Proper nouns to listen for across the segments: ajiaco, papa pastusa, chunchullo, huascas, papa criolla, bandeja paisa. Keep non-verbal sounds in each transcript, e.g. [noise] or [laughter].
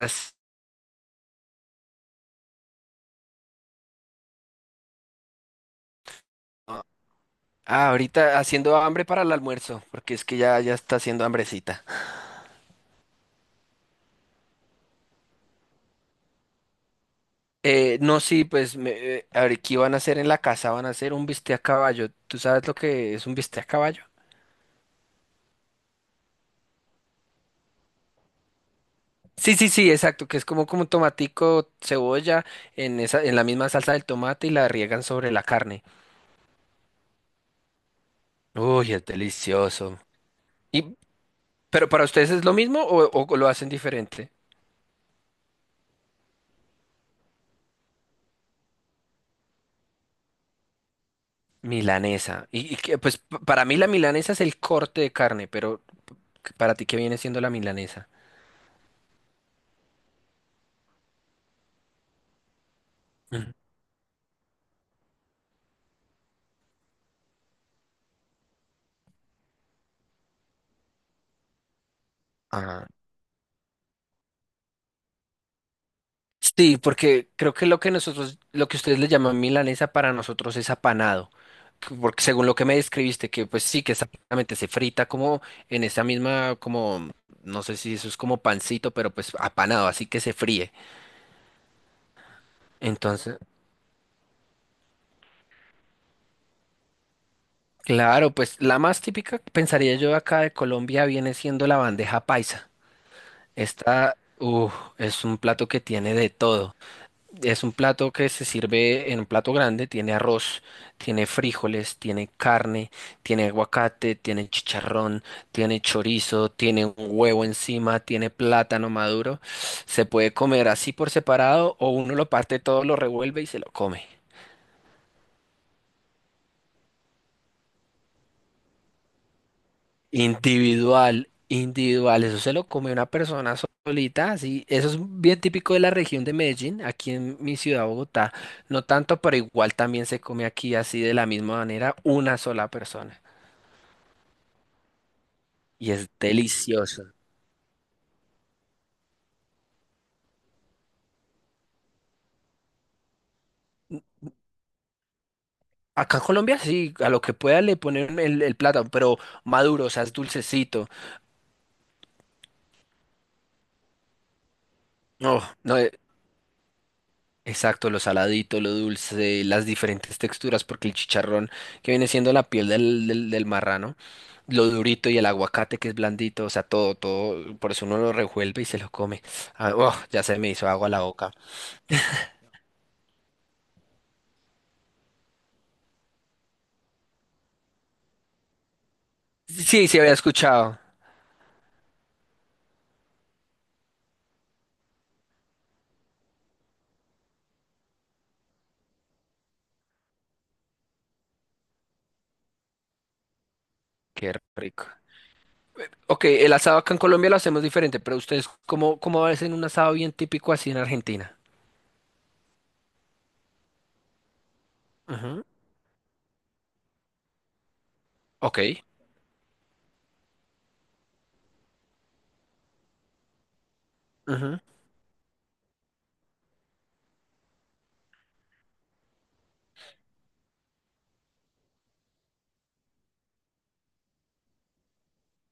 As- Ah, ahorita haciendo hambre para el almuerzo, porque es que ya está haciendo hambrecita. No, sí, a ver, ¿qué van a hacer en la casa? Van a hacer un bistec a caballo. ¿Tú sabes lo que es un bistec a caballo? Sí, sí, sí, exacto, que es como tomatico, cebolla en la misma salsa del tomate y la riegan sobre la carne. Uy, es delicioso. Y, pero ¿para ustedes es lo mismo o lo hacen diferente? Milanesa. Y que, pues para mí la milanesa es el corte de carne, pero para ti, ¿qué viene siendo la milanesa? Ujú. Ah, sí, porque creo que lo que ustedes le llaman milanesa para nosotros es apanado. Porque según lo que me describiste, que pues sí, prácticamente se frita como en esa misma, como, no sé si eso es como pancito, pero pues apanado, así que se fríe. Entonces, claro, pues la más típica, pensaría yo acá de Colombia, viene siendo la bandeja paisa. Esta, uh, es un plato que tiene de todo. Es un plato que se sirve en un plato grande, tiene arroz, tiene frijoles, tiene carne, tiene aguacate, tiene chicharrón, tiene chorizo, tiene un huevo encima, tiene plátano maduro. Se puede comer así por separado o uno lo parte todo, lo revuelve y se lo come. Individual, individual, eso se lo come una persona solita, así. Eso es bien típico de la región de Medellín. Aquí en mi ciudad, Bogotá, no tanto, pero igual también se come aquí así de la misma manera, una sola persona, y es delicioso. Acá en Colombia sí, a lo que pueda le ponen el plátano, pero maduro, o sea, es dulcecito. No, no, exacto, lo saladito, lo dulce, las diferentes texturas, porque el chicharrón que viene siendo la piel del marrano, lo durito, y el aguacate que es blandito. O sea, todo, todo, por eso uno lo revuelve y se lo come. Ah, oh, ya se me hizo agua la boca. Sí, sí, había escuchado. Qué rico. Ok, el asado acá en Colombia lo hacemos diferente, pero ustedes, ¿cómo, cómo hacen un asado bien típico así en Argentina? Ujú. Ok, ujú.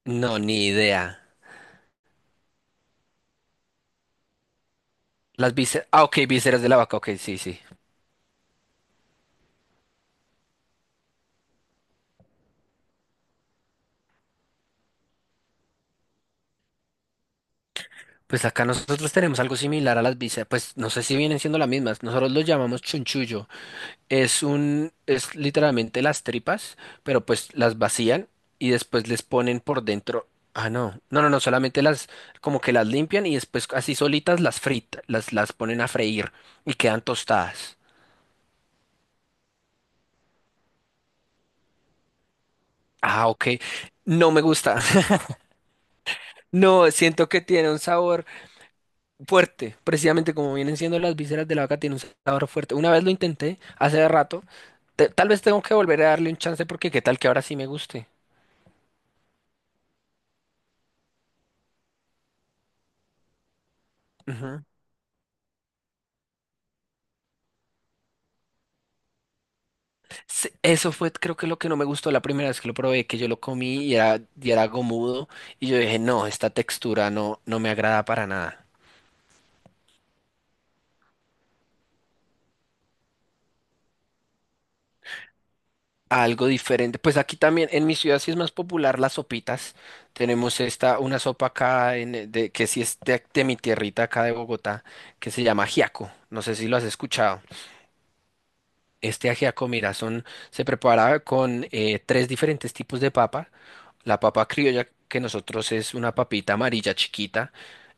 No, ni idea. Las vísceras, ah, ok, vísceras de la vaca, ok, sí, sí. Pues acá nosotros tenemos algo similar a las bisas, pues no sé si vienen siendo las mismas, nosotros lo llamamos chunchullo, es un, es literalmente las tripas, pero pues las vacían y después les ponen por dentro, ah no, no, no, no, solamente las, como que las limpian y después así solitas las fritan, las ponen a freír y quedan tostadas. Ah, ok, no me gusta, [laughs] no, siento que tiene un sabor fuerte, precisamente como vienen siendo las vísceras de la vaca, tiene un sabor fuerte. Una vez lo intenté, hace rato, tal vez tengo que volver a darle un chance porque qué tal que ahora sí me guste. Ujú. Sí, eso fue, creo que lo que no me gustó la primera vez que lo probé, que yo lo comí y era gomudo, y yo dije, no, esta textura no, no me agrada para nada. Algo diferente. Pues aquí también, en mi ciudad sí es más popular las sopitas. Tenemos esta, una sopa acá en, de, que sí es de mi tierrita acá de Bogotá, que se llama ajiaco. No sé si lo has escuchado. Este ajiaco mira, son se preparaba con tres diferentes tipos de papa. La papa criolla, que nosotros es una papita amarilla chiquita,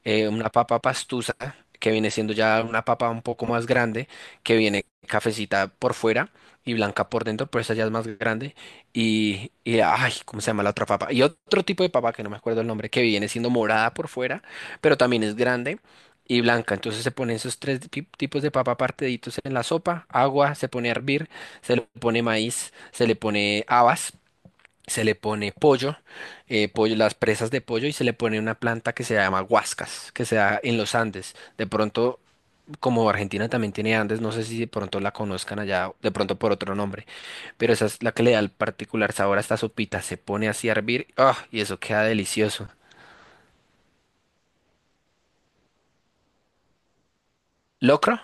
una papa pastusa, que viene siendo ya una papa un poco más grande, que viene cafecita por fuera y blanca por dentro, pero esa ya es más grande. Y, ay, ¿cómo se llama la otra papa? Y otro tipo de papa que no me acuerdo el nombre, que viene siendo morada por fuera, pero también es grande y blanca. Entonces se ponen esos tres tipos de papa partiditos en la sopa, agua, se pone a hervir, se le pone maíz, se le pone habas, se le pone pollo, pollo, las presas de pollo, y se le pone una planta que se llama huascas, que se da en los Andes. De pronto, como Argentina también tiene Andes, no sé si de pronto la conozcan allá, de pronto por otro nombre, pero esa es la que le da el particular sabor a esta sopita. Se pone así a hervir, ¡ah! Y eso queda delicioso. ¿Locro?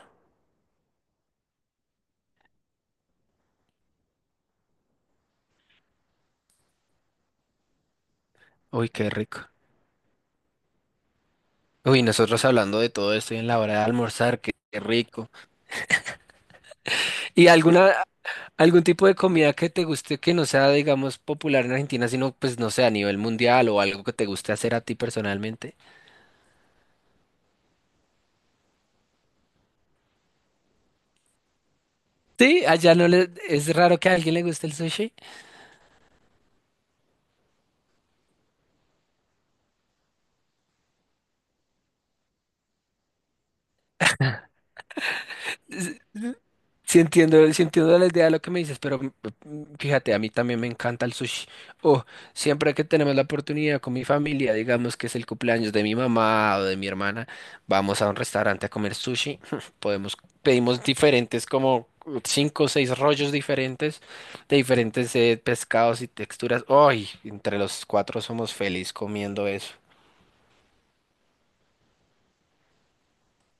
Uy, qué rico. Uy, nosotros hablando de todo esto y en la hora de almorzar, qué, qué rico. ¿Y alguna, algún tipo de comida que te guste que no sea, digamos, popular en Argentina, sino, pues, no sé, a nivel mundial o algo que te guste hacer a ti personalmente? Sí, allá no le, es raro que a alguien le guste el sushi. Sí entiendo la idea de lo que me dices, pero fíjate, a mí también me encanta el sushi. Oh, siempre que tenemos la oportunidad con mi familia, digamos que es el cumpleaños de mi mamá o de mi hermana, vamos a un restaurante a comer sushi. [laughs] Podemos, pedimos diferentes, como cinco o seis rollos diferentes, de diferentes pescados y texturas. Ay, entre los cuatro somos felices comiendo eso.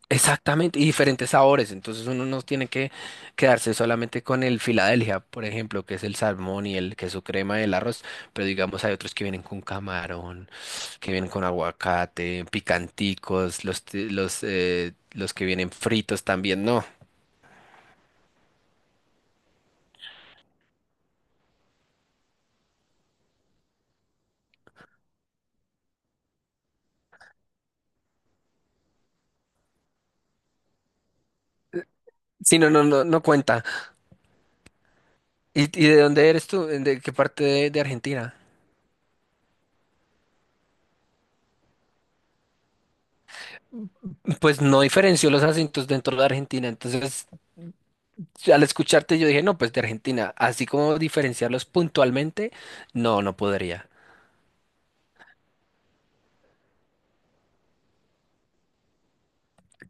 Exactamente, y diferentes sabores. Entonces uno no tiene que quedarse solamente con el Filadelfia, por ejemplo, que es el salmón y el queso crema y el arroz, pero digamos hay otros que vienen con camarón, que vienen con aguacate, picanticos, los que vienen fritos también, no. Sí, no, no, no, no cuenta. Y de dónde eres tú? ¿De qué parte de Argentina? Pues no diferenció los acentos dentro de Argentina, entonces al escucharte yo dije, no, pues de Argentina, así como diferenciarlos puntualmente, no, no podría.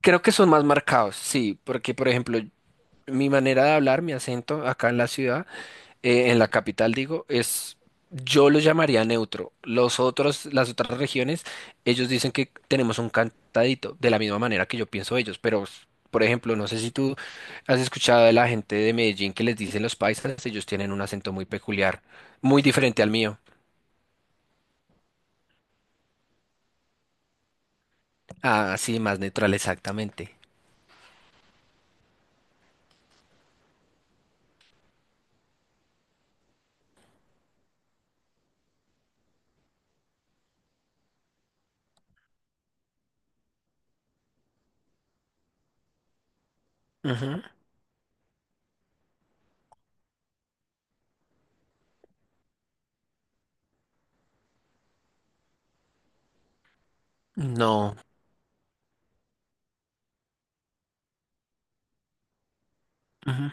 Creo que son más marcados, sí, porque por ejemplo, mi manera de hablar, mi acento acá en la ciudad, en la capital digo, es, yo lo llamaría neutro. Los otros, las otras regiones, ellos dicen que tenemos un cantadito, de la misma manera que yo pienso ellos, pero... Por ejemplo, no sé si tú has escuchado de la gente de Medellín que les dicen los paisas, ellos tienen un acento muy peculiar, muy diferente al mío. Ah, sí, más neutral, exactamente. Ujú, no, ujú.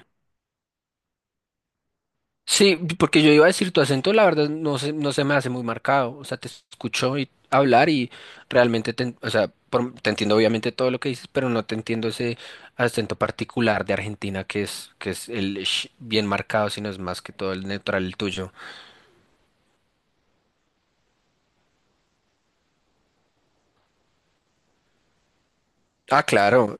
Sí, porque yo iba a decir tu acento, la verdad, no se me hace muy marcado. O sea, te escucho y hablar y realmente te, o sea, te entiendo obviamente todo lo que dices, pero no te entiendo ese acento particular de Argentina que es el sh bien marcado, sino es más que todo el neutral el tuyo. Ah, claro.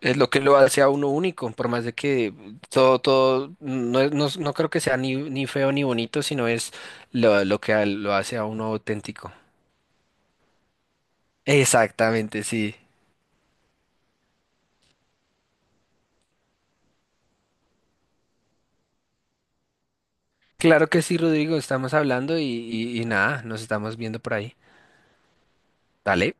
Es lo que lo hace a uno único, por más de que todo, todo, no, no creo que sea ni, ni feo ni bonito, sino es lo que lo hace a uno auténtico. Exactamente, sí. Claro que sí, Rodrigo, estamos hablando y, y nada, nos estamos viendo por ahí. Dale.